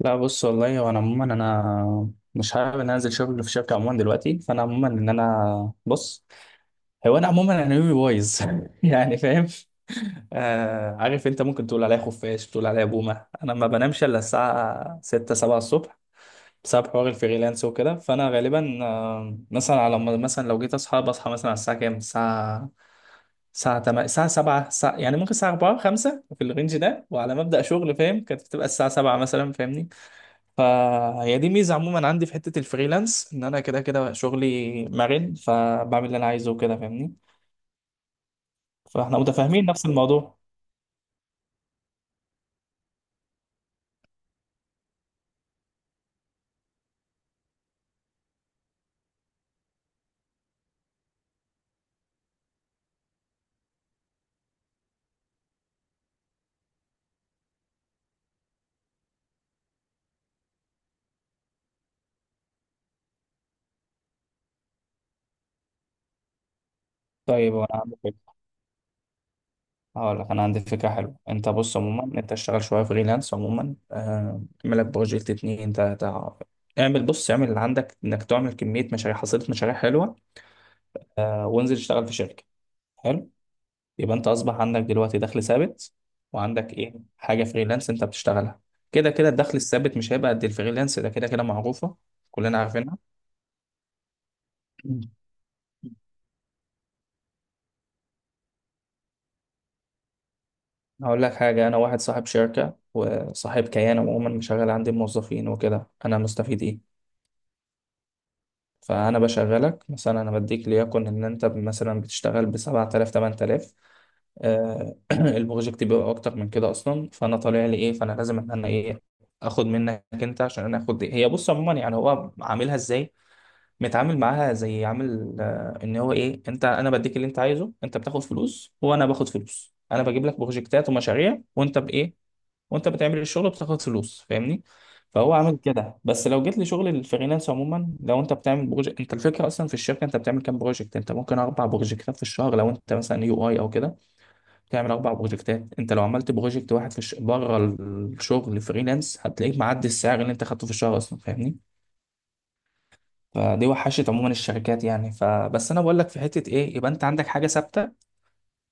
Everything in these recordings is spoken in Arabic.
لا بص، والله وانا عموما مش حابب ان أنا انزل شغل في شركه عموما دلوقتي، فانا عموما ان انا بص. هو انا عموما انا يومي بايظ يعني فاهم. آه، عارف انت ممكن تقول عليا خفاش، تقول عليا بومه، انا ما بنامش الا الساعه 6 7 الصبح بسبب حوار الفريلانس وكده. فانا غالبا آه مثلا على ما- مثلا لو جيت اصحى بصحى مثلا على الساعه كام، الساعه الساعة 8 الساعة 7 الساعة، يعني ممكن الساعة 4 5 في الرينج ده، وعلى مبدأ شغل فاهم كانت بتبقى الساعة 7 مثلا، فاهمني. فهي دي ميزة عموما عندي في حتة الفريلانس، ان انا كده كده شغلي مرن فبعمل اللي انا عايزه وكده، فاهمني. فاحنا متفاهمين نفس الموضوع. طيب وانا عندي فكرة، هقول لك انا عندي فكرة حلوة. انت بص عموما، انت اشتغل شوية فريلانس عموما، آه، اعمل لك بروجكت اتنين تلاتة. اعمل بص، اعمل اللي عندك انك تعمل كمية مشاريع، حصيلة مشاريع حلوة. آه، وانزل اشتغل في شركة. حلو. يبقى انت اصبح عندك دلوقتي دخل ثابت، وعندك ايه حاجه فريلانس انت بتشتغلها. كده كده الدخل الثابت مش هيبقى قد الفريلانس، ده كده كده معروفه، كلنا عارفينها. هقول لك حاجه، انا واحد صاحب شركه وصاحب كيان عموما، مشغل عندي موظفين وكده، انا مستفيد ايه؟ فأنا بشغلك مثلا، أنا بديك ليكن إن أنت مثلا بتشتغل بسبعة آلاف تمن آلاف. البروجكت بيبقى أكتر من كده أصلا، فأنا طالع لي إيه؟ فأنا لازم إن أنا إيه، آخد منك أنت عشان أنا آخد دي. هي بص عموما، يعني هو عاملها إزاي؟ متعامل معاها زي عامل آه، إن هو إيه، أنت أنا بديك اللي أنت عايزه، أنت بتاخد فلوس وأنا باخد فلوس، أنا بجيب لك بروجكتات ومشاريع وأنت بإيه، وانت بتعمل الشغل بتاخد فلوس، فاهمني. فهو عامل كده. بس لو جيت لشغل الفريلانس عموما، لو انت بتعمل بروجكت انت، الفكره اصلا في الشركه انت بتعمل كام بروجكت، انت ممكن اربع بروجكتات في الشهر لو انت مثلا يو اي او كده، تعمل اربع بروجكتات. انت لو عملت بروجكت واحد بره الشغل فريلانس، هتلاقيك معدي السعر اللي انت خدته في الشهر اصلا، فاهمني. فدي وحشت عموما الشركات يعني. فبس انا بقول لك في حته ايه، يبقى انت عندك حاجه ثابته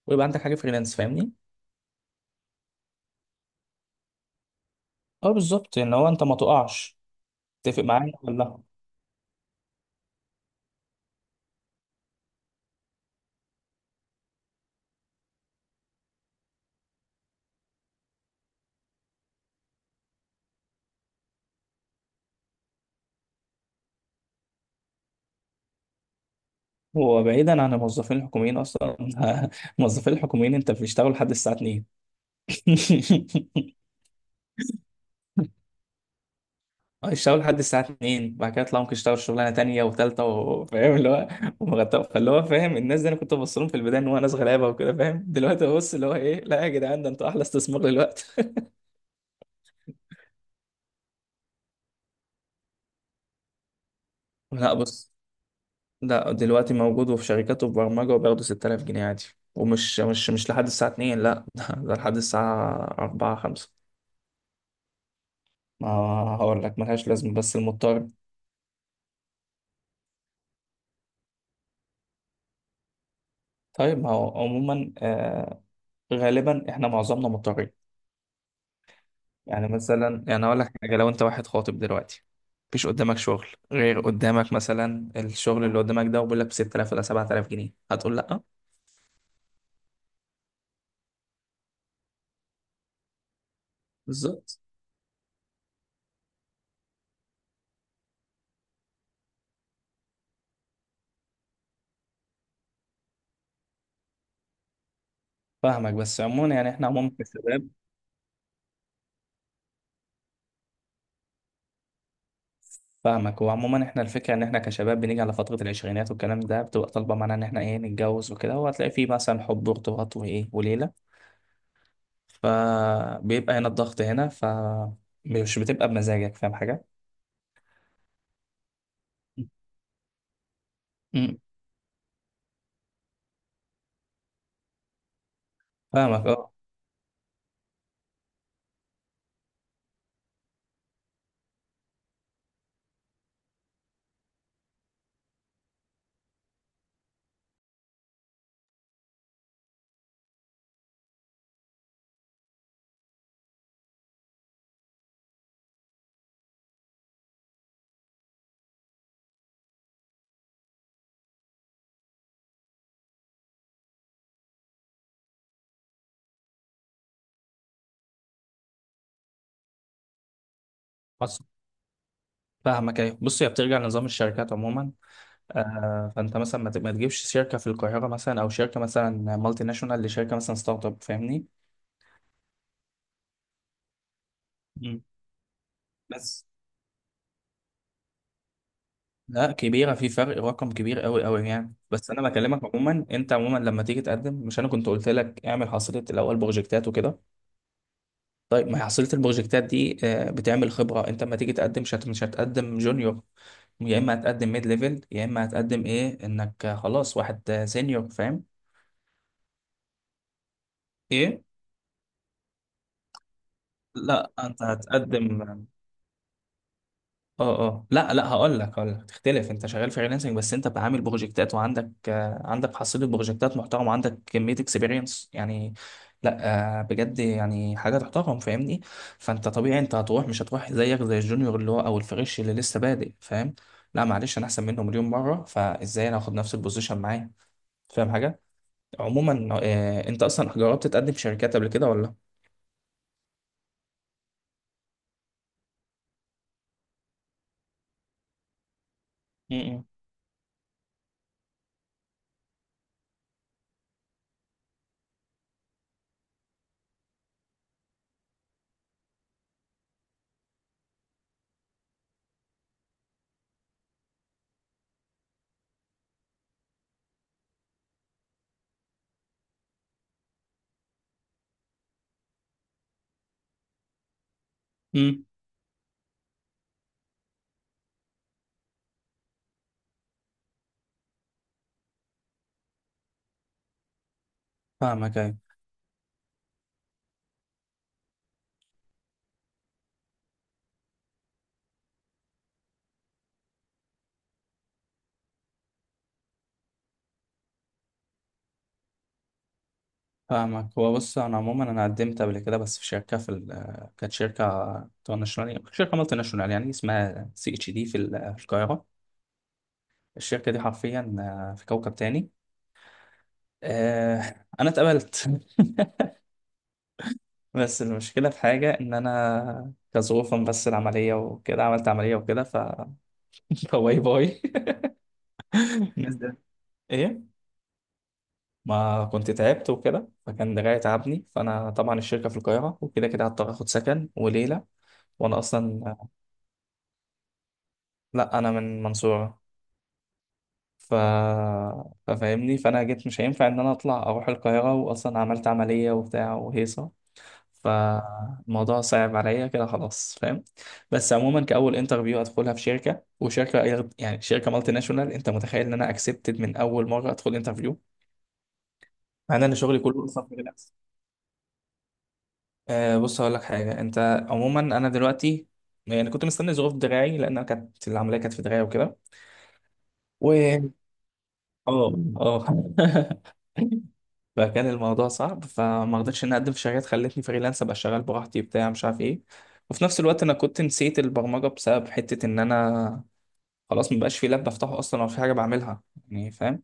ويبقى عندك حاجه فريلانس، فاهمني. اه بالظبط، ان هو انت ما تقعش. تتفق معايا ولا؟ هو بعيدا عن الموظفين الحكوميين اصلا الموظفين الحكوميين انت بيشتغلوا لحد الساعه 2 يشتغلوا لحد الساعه 2، بعد كده يطلعوا ممكن يشتغلوا شغلانه تانيه وثالثه، وفاهم اللي هو ومغطى. فاللي هو فاهم، الناس دي انا كنت ببص لهم في البدايه ان هو ناس غلابه وكده فاهم، دلوقتي ببص اللي هو ايه، لا يا جدعان ده انتوا احلى استثمار دلوقتي لا بص، لا دلوقتي موجود، وفي شركات وفي برمجه وبياخدوا 6000 جنيه عادي، ومش مش مش لحد الساعه 2 لا ده لحد الساعه 4 5. ما هقول لك ملهاش لازمة، بس المضطر. طيب ما هو عموما آه، غالبا احنا معظمنا مضطرين. يعني مثلا يعني اقول لك حاجه، لو انت واحد خاطب دلوقتي، مفيش قدامك شغل غير قدامك مثلا الشغل اللي قدامك ده، وبيقول لك ب 6000 ولا 7000 جنيه، هتقول لا؟ بالظبط. فاهمك، بس عموما يعني احنا عموما كشباب. فاهمك، وعموما احنا الفكره ان احنا كشباب بنيجي على فتره العشرينات والكلام ده، بتبقى طالبه معانا ان احنا ايه نتجوز وكده، وهتلاقي فيه مثلا حب وارتباط وايه وليله، فبيبقى هنا الضغط هنا فمش بتبقى بمزاجك، فاهم حاجه؟ فاهمك اه. بس فاهمك ايوه. بص هي بترجع لنظام الشركات عموما، آه. فانت مثلا ما تجيبش شركه في القاهره مثلا، او شركه مثلا مالتي ناشونال لشركه مثلا ستارت اب، فاهمني. مم. بس، لا كبيره في فرق رقم كبير قوي قوي يعني. بس انا بكلمك عموما، انت عموما لما تيجي تقدم، مش انا كنت قلت لك اعمل حصيله الاول بروجكتات وكده. طيب ما هي حصيله البروجكتات دي آه، بتعمل خبره. انت لما تيجي تقدم مش هتقدم جونيور، يا اما هتقدم ميد ليفل، يا اما هتقدم ايه انك خلاص واحد سينيور، فاهم؟ ايه، لا انت هتقدم. اه اه، لا لا، هقول لك تختلف. انت شغال فريلانسنج بس انت عامل بروجكتات وعندك آه، عندك حصيله بروجكتات محترم وعندك كميه اكسبيرينس يعني. لا آه، بجد يعني حاجه تحترم، فاهمني. فانت طبيعي انت هتروح، مش هتروح زيك زي الجونيور اللي هو، او الفريش اللي لسه بادئ، فاهم؟ لا معلش انا احسن منه مليون مره، فازاي انا هاخد نفس البوزيشن معاه؟ فاهم حاجه؟ عموما آه، انت اصلا جربت تقدم في شركات قبل كده ولا؟ امم. فاهمك أيوة. فاهمك. هو بص انا عموما انا قدمت قبل كده، بس في شركه في ال- آه، كانت شركه ناشونال، شركه مالتي ناشونال يعني، اسمها سي اتش دي في ال- آه، في القاهره. الشركه دي حرفيا آه، في كوكب تاني. آه، انا اتقبلت بس المشكله في حاجه ان انا كظروفا، بس العمليه وكده، عملت عمليه وكده ف باي باي الناس ده ايه؟ ما كنت تعبت وكده، فكان دراعي تعبني. فانا طبعا الشركه في القاهره وكده كده هضطر اخد سكن وليله، وانا اصلا، لا انا من منصورة. ف... ففاهمني. فانا جيت مش هينفع ان انا اطلع اروح القاهرة، واصلا عملت عملية وبتاع وهيصة، فالموضوع صعب عليا كده خلاص، فاهم؟ بس عموما كاول انترفيو ادخلها في شركة، يعني شركة مالتي ناشونال، انت متخيل ان انا اكسبتد من اول مرة ادخل انترفيو، مع ان انا شغلي كله اصلا فريلانس. أه بص هقول لك حاجة، انت عموما، انا دلوقتي يعني كنت مستني ظروف دراعي، لان أنا كانت العملية كانت في دراعي وكده. اه اه فكان الموضوع صعب، فما رضيتش اني اقدم في شركات، خلتني فريلانس ابقى شغال براحتي بتاع مش عارف ايه. وفي نفس الوقت انا كنت نسيت البرمجه بسبب حته ان انا خلاص مبقاش في لاب بفتحه اصلا ولا في حاجه بعملها يعني، فاهم.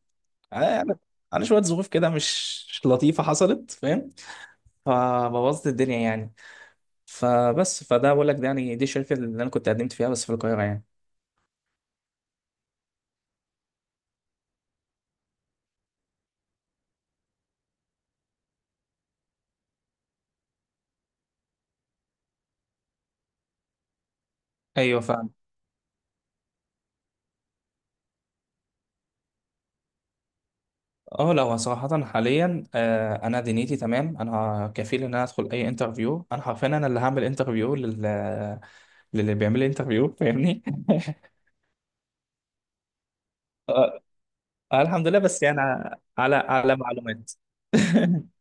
على يعني، على شويه ظروف كده، مش لطيفه حصلت، فاهم. فبوظت الدنيا يعني. فبس فده بقول لك، ده يعني دي الشركه اللي انا كنت قدمت فيها، بس في القاهره يعني. ايوه فاهم. اه لو صراحة حاليا آه، انا دنيتي تمام، انا كفيل ان انا ادخل اي انترفيو، انا حرفيا انا اللي هعمل انترفيو للي بيعمل لي انترفيو، فاهمني. آه، الحمد لله، بس يعني على معلومات